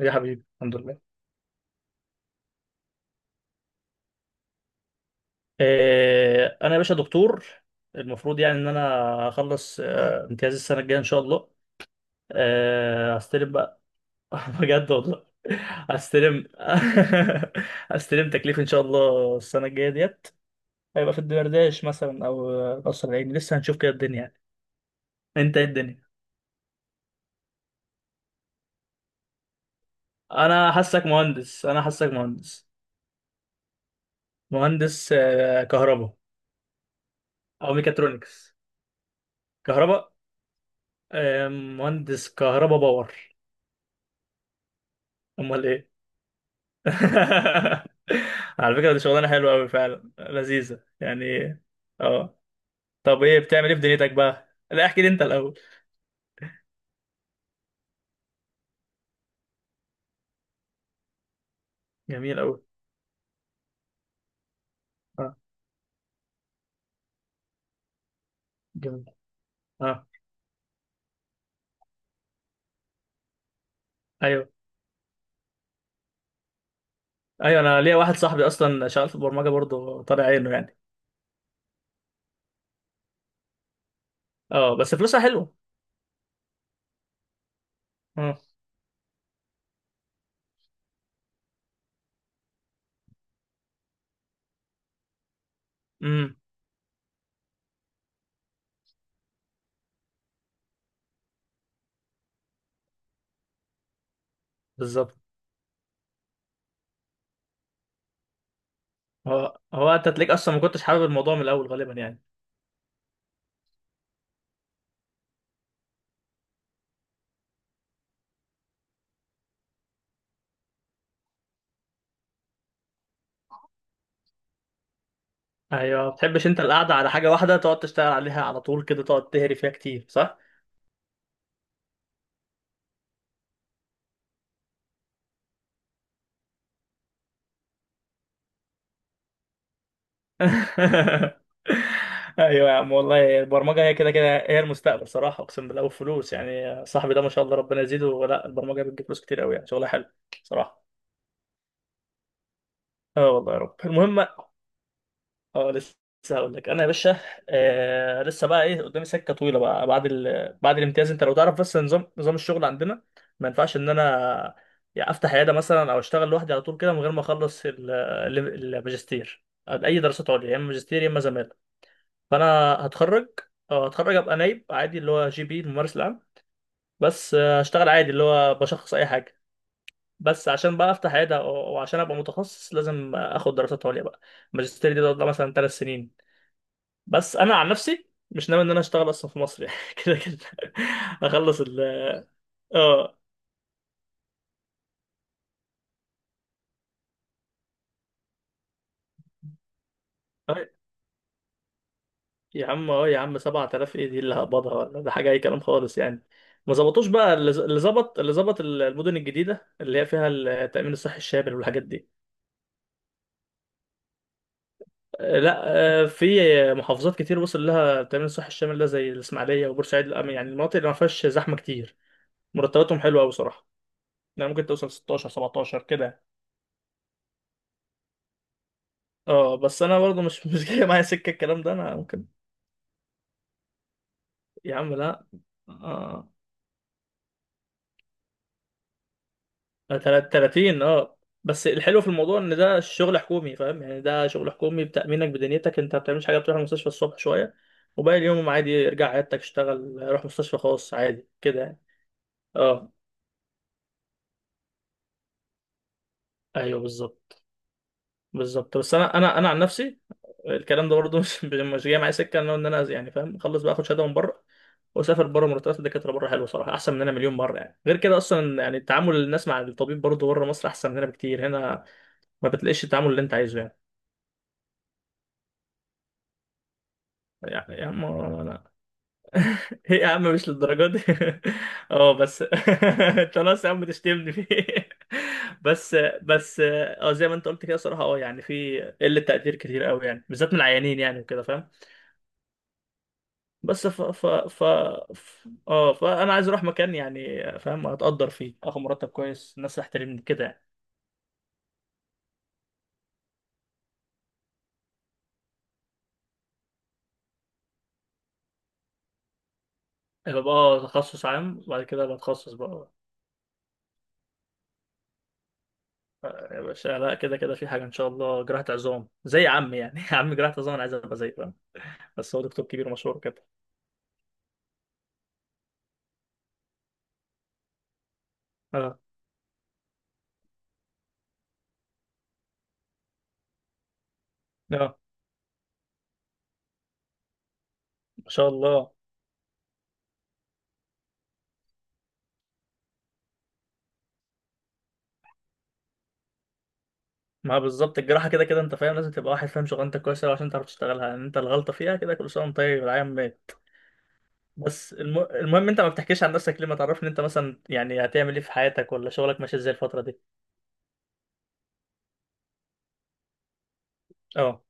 يا حبيبي، الحمد لله. انا يا باشا دكتور. المفروض يعني ان انا اخلص امتياز السنه الجايه ان شاء الله. هستلم بقى. بجد والله. هستلم هستلم تكليف ان شاء الله السنه الجايه ديت، هيبقى في الدمرداش مثلا او قصر العيني، لسه هنشوف كده الدنيا يعني. انت ايه الدنيا؟ انا حاسك مهندس، انا حاسك مهندس. مهندس كهرباء او ميكاترونكس. كهرباء. مهندس كهرباء باور. امال ايه؟ على فكرة، دي شغلانة حلوة أوي فعلا، لذيذة يعني. اه. طب ايه بتعمل ايه في دنيتك بقى؟ لا، احكي لي انت الأول. جميل أوي. اه. جميل. اه. ايوه، ايوه، انا ليا واحد صاحبي اصلا شغال في البرمجة برضه، طالع عينه يعني. اه، بس فلوسها حلوة. اه. امم. بالظبط. هو انت تلاقيك اصلا ما كنتش حابب الموضوع من الأول غالبا يعني. ايوه، ما بتحبش انت القعدة على حاجة واحدة تقعد تشتغل عليها على طول كده، تقعد تهري فيها كتير. ايوه يا عم، والله البرمجه هي كده كده هي المستقبل صراحه، اقسم بالله. والفلوس يعني، صاحبي ده ما شاء الله ربنا يزيده، ولا البرمجه بتجيب فلوس كتير قوي يعني، شغلها حلو صراحه. اه، والله يا رب. المهم، اه، لسه هقول لك انا يا باشا. آه، لسه بقى ايه قدامي سكه طويله بقى. بعد الامتياز، انت لو تعرف بس نظام الشغل عندنا. ما ينفعش ان انا يعني افتح عياده مثلا او اشتغل لوحدي على طول كده من غير ما اخلص الماجستير، اي دراسات عليا، يا اما ماجستير يا اما زماله. فانا هتخرج اه هتخرج ابقى نايب عادي اللي هو GP، الممارس العام. بس هشتغل عادي، اللي هو بشخص اي حاجه. بس عشان بقى افتح عياده او عشان ابقى متخصص، لازم اخد دراسات عليا بقى. الماجستير دي تقعد لها مثلا 3 سنين. بس انا عن نفسي مش ناوي ان انا اشتغل اصلا في مصر يعني، كده كده. اخلص ال اه طيب. يا عم 7000 ايه دي اللي هقبضها؟ ولا ده حاجه اي كلام خالص يعني. ما ظبطوش بقى اللي ظبط المدن الجديده اللي هي فيها التامين الصحي الشامل والحاجات دي. لا. في محافظات كتير وصل لها التأمين الصحي الشامل ده، زي الإسماعيلية وبورسعيد يعني المناطق اللي ما فيهاش زحمة كتير، مرتباتهم حلوة أوي صراحة. يعني ممكن توصل 16 17 كده. اه، بس أنا برضه مش مش جاي معايا سكة الكلام ده، أنا ممكن. يا عم لا. اه. 30. اه، بس الحلو في الموضوع ان ده شغل حكومي، فاهم يعني؟ ده شغل حكومي بتأمينك بدنيتك، انت ما بتعملش حاجه، بتروح المستشفى الصبح شويه وباقي اليوم عادي، ارجع عيادتك اشتغل، روح مستشفى خاص عادي كده يعني. اه. ايوه بالظبط. بالظبط. بس انا عن نفسي الكلام ده برضه مش جاي معايا سكه ان انا يعني فاهم، اخلص بقى اخد شهاده من بره واسافر بره. مرتبات الدكاتره بره حلوه صراحه، احسن مننا مليون مره يعني. غير كده اصلا يعني، تعامل الناس مع الطبيب برضه بره مصر احسن مننا بكتير، هنا ما بتلاقيش التعامل اللي انت عايزه يعني. يعني يا عم انا هي يا عم مش للدرجه دي. اه، بس انت خلاص يا عم تشتمني فيه. بس. بس اه، زي ما انت قلت كده صراحه، اه يعني في قله تقدير كتير قوي يعني، بالذات من العيانين يعني وكده فاهم. بس فانا عايز اروح مكان يعني فاهم، اتقدر فيه، اخد مرتب كويس، الناس تحترمني كده. يعني ببقى اه تخصص عام، وبعد كده بتخصص بقى. يا باشا لا، كده كده في حاجه ان شاء الله، جراحه عظام زي عمي يعني. عمي جراحه عظام، انا عايز ابقى زيه فاهم. بس هو دكتور كبير مشهور كده. اه. اه. ما شاء الله. ما بالظبط، الجراحه كده كده انت فاهم لازم تبقى واحد فاهم شغلانتك كويس أوي عشان تعرف تشتغلها يعني، انت الغلطه فيها كده، كل سنه وانت طيب يا عم. بس المهم، انت ما بتحكيش عن نفسك ليه؟ ما تعرفني انت مثلا يعني هتعمل ايه في حياتك، ولا شغلك ماشي ازاي الفترة دي. اه.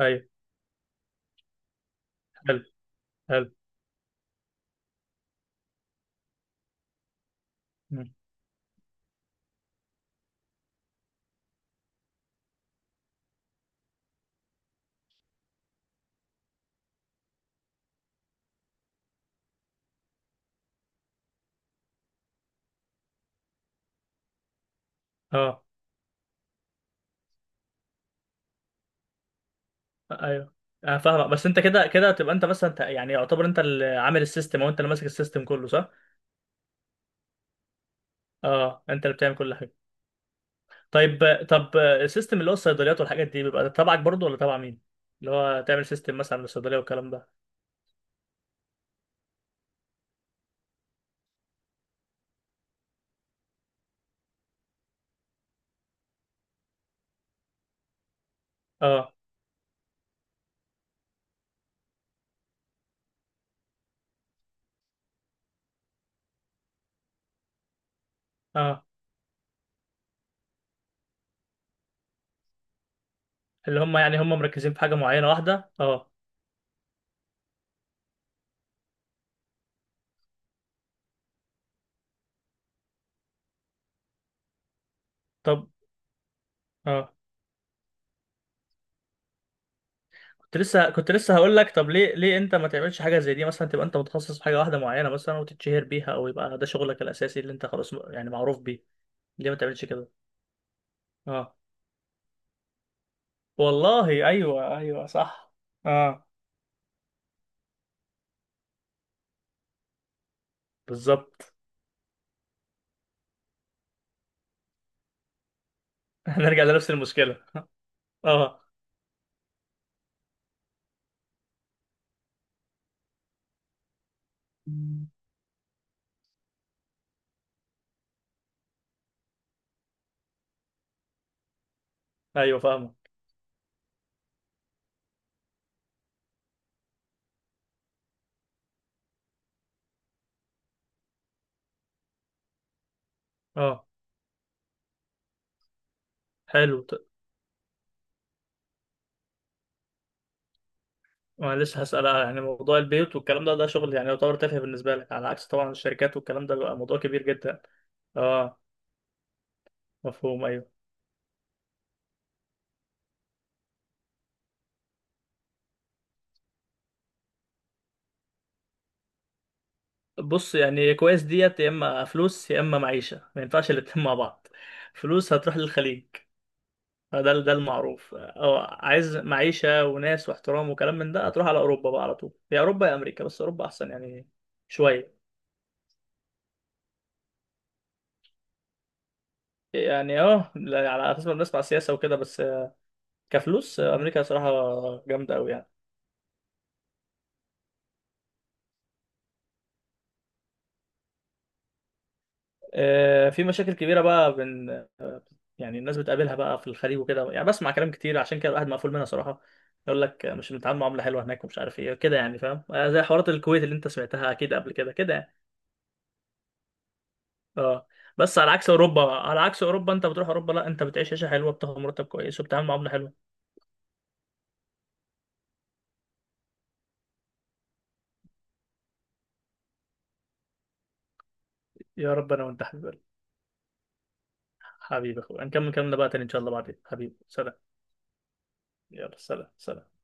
ايوه. حلو، حلو. مم. اه. ايوه. اه، فاهمك. بس انت كده كده تبقى انت مثلا يعني يعتبر انت اللي عامل السيستم، او انت اللي ماسك السيستم كله، صح؟ اه، انت اللي بتعمل كل حاجة. طيب طب السيستم اللي هو الصيدليات والحاجات دي بيبقى تبعك برضو ولا تبع مين؟ اللي هو تعمل سيستم مثلا للصيدلية والكلام ده. اه. اه، اللي هم يعني هم مركزين في حاجة معينة واحدة. اه. طب. اه، كنت لسه هقول لك، طب ليه انت ما تعملش حاجه زي دي مثلا، تبقى انت متخصص في حاجه واحده معينه مثلا وتتشهر بيها، او يبقى ده شغلك الاساسي اللي انت خلاص يعني معروف بيه. ليه ما تعملش كده؟ اه. والله ايوه، ايوه صح. اه بالظبط. هنرجع لنفس المشكله. اه. ايوه فاهمك. اه حلو. ما أنا لسه هسأل يعني، موضوع البيوت والكلام ده، ده شغل يعني يعتبر تافه بالنسبه لك، على عكس طبعا الشركات والكلام ده بيبقى موضوع كبير جدا. اه. مفهوم أيوه. بص يعني كويس ديت، يا اما فلوس يا اما معيشه، ما ينفعش الاتنين مع بعض. فلوس هتروح للخليج، فده المعروف. او عايز معيشه وناس واحترام وكلام من ده، هتروح على اوروبا بقى على طول، يا اوروبا يا امريكا، بس اوروبا احسن يعني شويه. يعني اه، على اساس ما بنسمع سياسه وكده بس، كفلوس امريكا صراحه جامده قوي يعني. في مشاكل كبيره بقى بين آه، يعني الناس بتقابلها بقى في الخليج وكده يعني، بسمع كلام كتير، عشان كده الواحد مقفول منها صراحه. يقول لك مش بنتعامل معامله حلوه هناك، ومش عارف ايه كده يعني فاهم، زي حوارات الكويت اللي انت سمعتها اكيد قبل كده كده يعني. اه، بس على عكس اوروبا، انت بتروح اوروبا لا، انت بتعيش عيشه حلوه، بتاخد مرتب كويس، وبتتعامل معامله حلوه. يا رب، انا وانت حبيبي. حبيبي اخويا، هنكمل كلامنا بقى تاني ان شاء الله بعدين حبيبي، سلام. يلا سلام سلام.